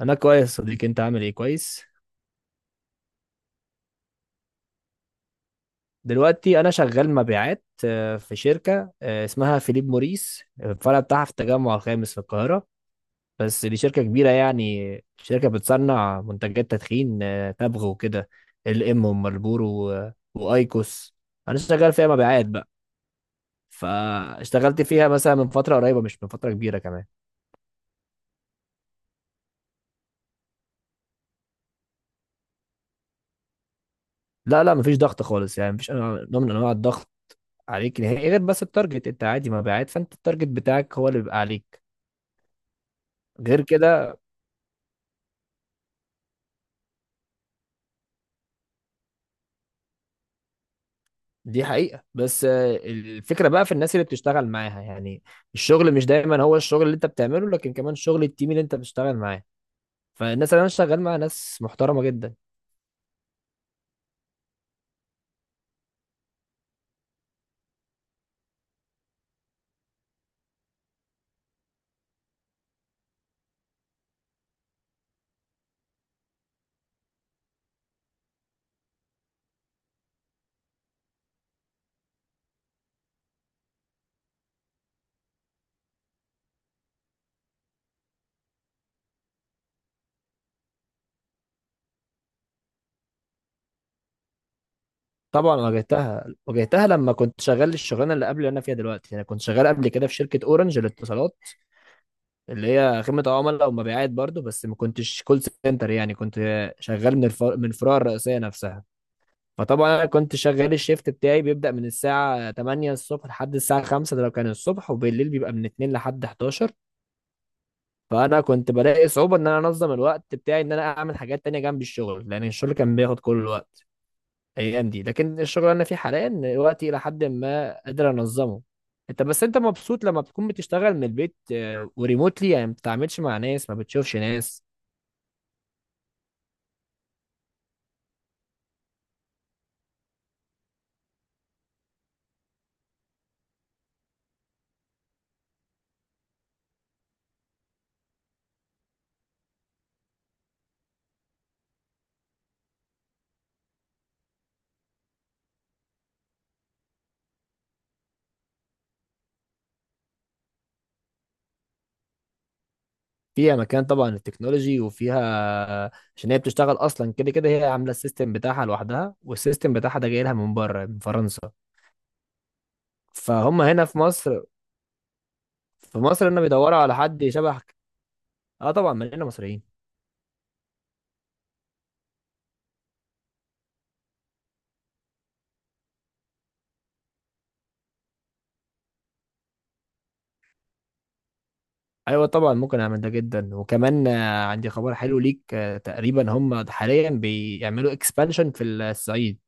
انا كويس يا صديقي، انت عامل ايه؟ كويس. دلوقتي انا شغال مبيعات في شركه اسمها فيليب موريس، الفرع بتاعها في التجمع الخامس في القاهره. بس دي شركه كبيره، يعني شركه بتصنع منتجات تدخين تبغ وكده. ال ام ومارلبورو وايكوس. انا شغال فيها مبيعات بقى. فاشتغلت فيها مثلا من فتره قريبه، مش من فتره كبيره كمان. لا لا، مفيش ضغط خالص، يعني مفيش نوع من انواع الضغط عليك نهائي، غير بس التارجت. انت عادي مبيعات، فانت التارجت بتاعك هو اللي بيبقى عليك. غير كده دي حقيقة. بس الفكرة بقى في الناس اللي بتشتغل معاها. يعني الشغل مش دايما هو الشغل اللي انت بتعمله، لكن كمان شغل التيم اللي انت بتشتغل معاه. فالناس اللي انا شغال معاها ناس محترمة جدا. طبعا واجهتها واجهتها، لما كنت شغال الشغلانة اللي قبل اللي انا فيها دلوقتي، انا كنت شغال قبل كده في شركة اورنج للاتصالات، اللي هي خدمة عملاء ومبيعات برضو. بس ما كنتش كول سنتر، يعني كنت شغال من من الفروع الرئيسية نفسها. فطبعا انا كنت شغال، الشيفت بتاعي بيبدأ من الساعة 8 الصبح لحد الساعة 5، ده لو كان الصبح، وبالليل بيبقى من 2 لحد 11. فانا كنت بلاقي صعوبة ان انا انظم الوقت بتاعي، ان انا اعمل حاجات تانية جنب الشغل، لان الشغل كان بياخد كل الوقت الايام دي. لكن الشغل اللي انا فيه حاليا وقتي الى حد ما قادر انظمه. انت بس انت مبسوط لما بتكون بتشتغل من البيت وريموتلي؟ يعني ما بتتعاملش مع ناس، ما بتشوفش ناس. فيها مكان طبعا التكنولوجي وفيها، عشان هي بتشتغل اصلا كده كده، هي عامله السيستم بتاعها لوحدها، والسيستم بتاعها ده جاي لها من بره من فرنسا، فهم هنا في مصر. في مصر هنا بيدوروا على حد شبهك. اه طبعا، مننا مصريين. ايوه طبعا ممكن اعمل ده جدا، وكمان عندي خبر حلو ليك. تقريبا هم حاليا بيعملوا اكسبانشن في الصعيد.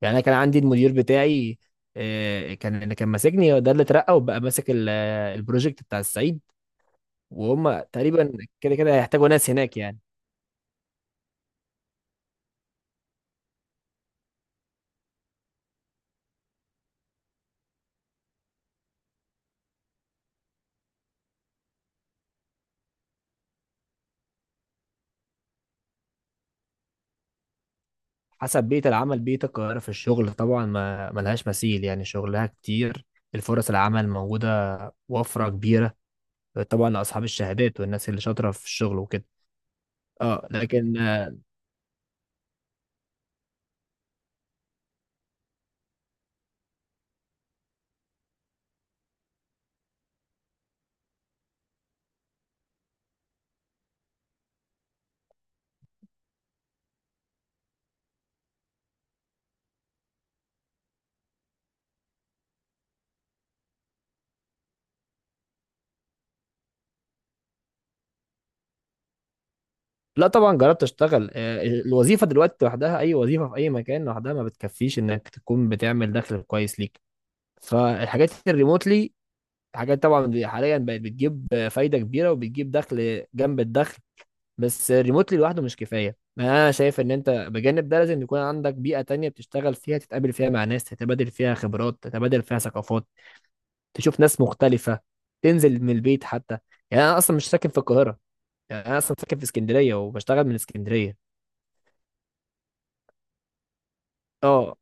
يعني انا كان عندي المدير بتاعي كان، اللي كان ماسكني ده اللي اترقى وبقى ماسك البروجكت بتاع الصعيد. وهم تقريبا كده كده هيحتاجوا ناس هناك يعني. حسب بيئة العمل. بيئة القاهرة في الشغل طبعا ما ملهاش مثيل، يعني شغلها كتير، الفرص العمل موجودة، وفرة كبيرة، طبعا لأصحاب الشهادات والناس اللي شاطرة في الشغل وكده. اه لكن لا طبعا جربت اشتغل. الوظيفة دلوقتي لوحدها، أي وظيفة في أي مكان لوحدها ما بتكفيش إنك تكون بتعمل دخل كويس ليك. فالحاجات الريموتلي حاجات طبعا حاليا بقت بتجيب فايدة كبيرة وبتجيب دخل جنب الدخل. بس ريموتلي لوحده مش كفايه. يعني انا شايف ان انت بجانب ده لازم يكون عندك بيئه تانية بتشتغل فيها، تتقابل فيها مع ناس، تتبادل فيها خبرات، تتبادل فيها ثقافات، تشوف ناس مختلفه، تنزل من البيت حتى. يعني انا اصلا مش ساكن في القاهره، يعني انا اصلا ساكن في اسكندريه وبشتغل من اسكندريه. اه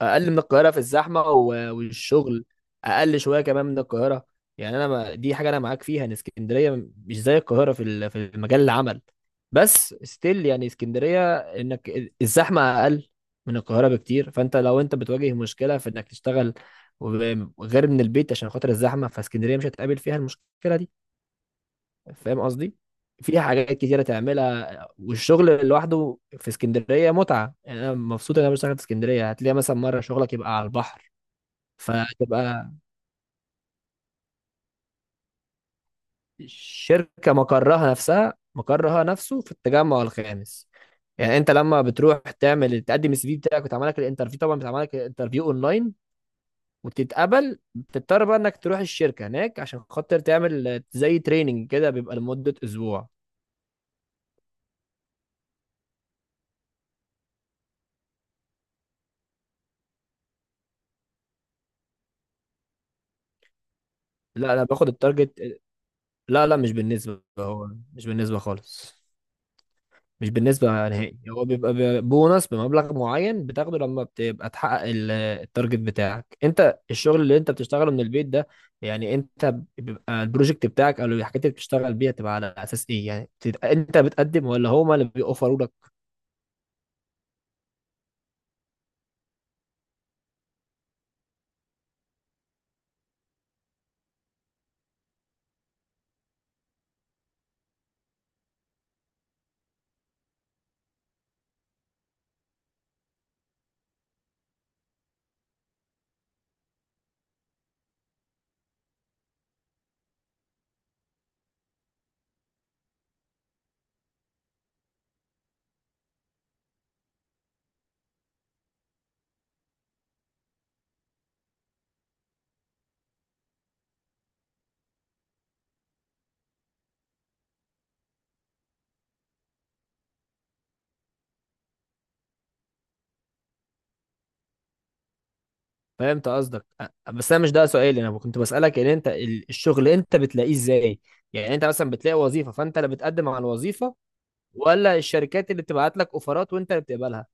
اقل من القاهره في الزحمه والشغل اقل شويه كمان من القاهره. يعني انا، ما دي حاجه انا معاك فيها ان اسكندريه مش زي القاهره في في مجال العمل. بس ستيل يعني اسكندريه، انك الزحمه اقل من القاهره بكتير، فانت لو انت بتواجه مشكله في انك تشتغل و- غير من البيت عشان خاطر الزحمه، فاسكندريه مش هتقابل فيها المشكله دي. فاهم قصدي؟ في حاجات كتيرة تعملها، والشغل لوحده في اسكندرية متعة. يعني أنا مبسوط إن أنا بشتغل في اسكندرية، هتلاقي مثلا مرة شغلك يبقى على البحر فتبقى. الشركة مقرها نفسها، مقرها نفسه في التجمع الخامس. يعني أنت لما بتروح تعمل تقدم السي في بتاعك وتعمل لك الانترفيو، طبعا بتعمل لك الانترفيو أونلاين وتتقبل، بتضطر بقى إنك تروح الشركة هناك عشان خاطر تعمل زي تريننج كده، بيبقى لمدة أسبوع. لا أنا باخد التارجت. لا لا، مش بالنسبة. هو مش بالنسبة خالص، مش بالنسبة نهائي. هو بيبقى بونص بمبلغ معين بتاخده لما بتبقى تحقق التارجت بتاعك. انت الشغل اللي انت بتشتغله من البيت ده، يعني انت بيبقى البروجكت بتاعك او الحاجات اللي بتشتغل بيها تبقى على اساس ايه؟ يعني انت بتقدم ولا هما اللي بيوفروا لك؟ فهمت قصدك. بس انا مش ده سؤالي، انا كنت بسألك ان انت الشغل انت بتلاقيه ازاي. يعني انت مثلا بتلاقي وظيفة فانت اللي بتقدم على الوظيفة، ولا الشركات اللي بتبعت لك اوفرات وانت اللي بتقبلها؟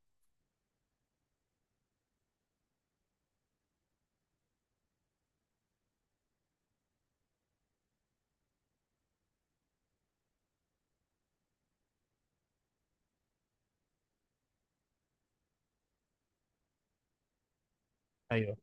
ايوه.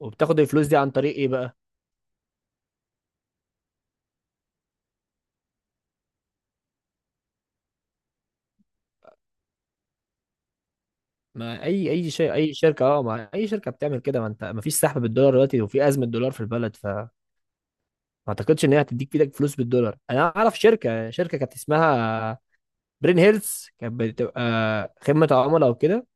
وبتاخد الفلوس دي عن طريق ايه بقى؟ ما اي شيء، اي شركه. اه ما اي شركه بتعمل كده. ما انت ما فيش سحب بالدولار دلوقتي وفي ازمه دولار في البلد، فما اعتقدش ان هي هتديك في ايدك فلوس بالدولار. انا اعرف شركه شركه كانت اسمها برين هيلث، كانت بتبقى خدمه عملاء وكده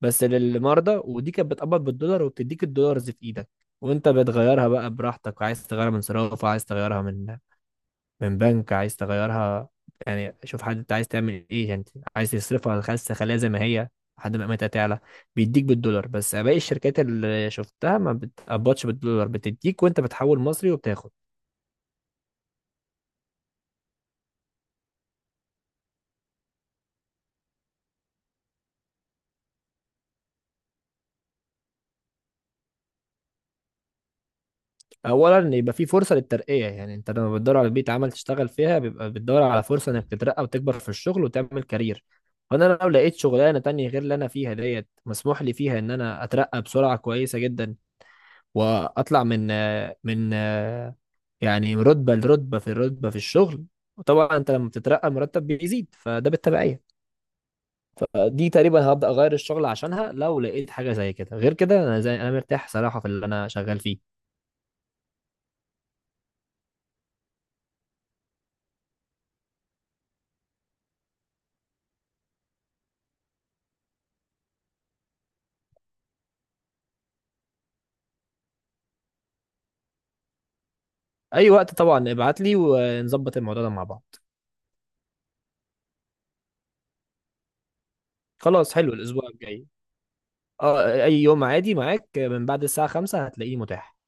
بس للمرضى، ودي كانت بتقبض بالدولار وبتديك الدولارز في ايدك وانت بتغيرها بقى براحتك. عايز تغيرها من صرافه، عايز تغيرها من بنك، عايز تغيرها يعني شوف حد، انت عايز تعمل ايه يعني؟ عايز تصرفها، عايز تخليها زي ما هي لحد ما قيمتها تعلى. بيديك بالدولار. بس باقي الشركات اللي شفتها ما بتقبضش بالدولار، بتديك وانت بتحول مصري وبتاخد. اولا يبقى في فرصه للترقيه. يعني انت لما بتدور على بيئه عمل تشتغل فيها بيبقى بتدور على فرصه انك تترقى وتكبر في الشغل وتعمل كارير. فانا لو لقيت شغلانه تانية غير اللي انا فيها ديت مسموح لي فيها ان انا اترقى بسرعه كويسه جدا، واطلع من من يعني رتبة لرتبة في الرتبة في الشغل. وطبعا انت لما بتترقى مرتب بيزيد، فده بالتبعية. دي تقريبا هبدأ اغير الشغل عشانها لو لقيت حاجة زي كده. غير كده انا زي انا مرتاح صراحة في اللي انا شغال فيه. اي وقت طبعا، ابعت لي ونظبط الموضوع ده مع بعض. خلاص، حلو الاسبوع الجاي. اه اي يوم عادي معاك، من بعد الساعة 5 هتلاقيه متاح.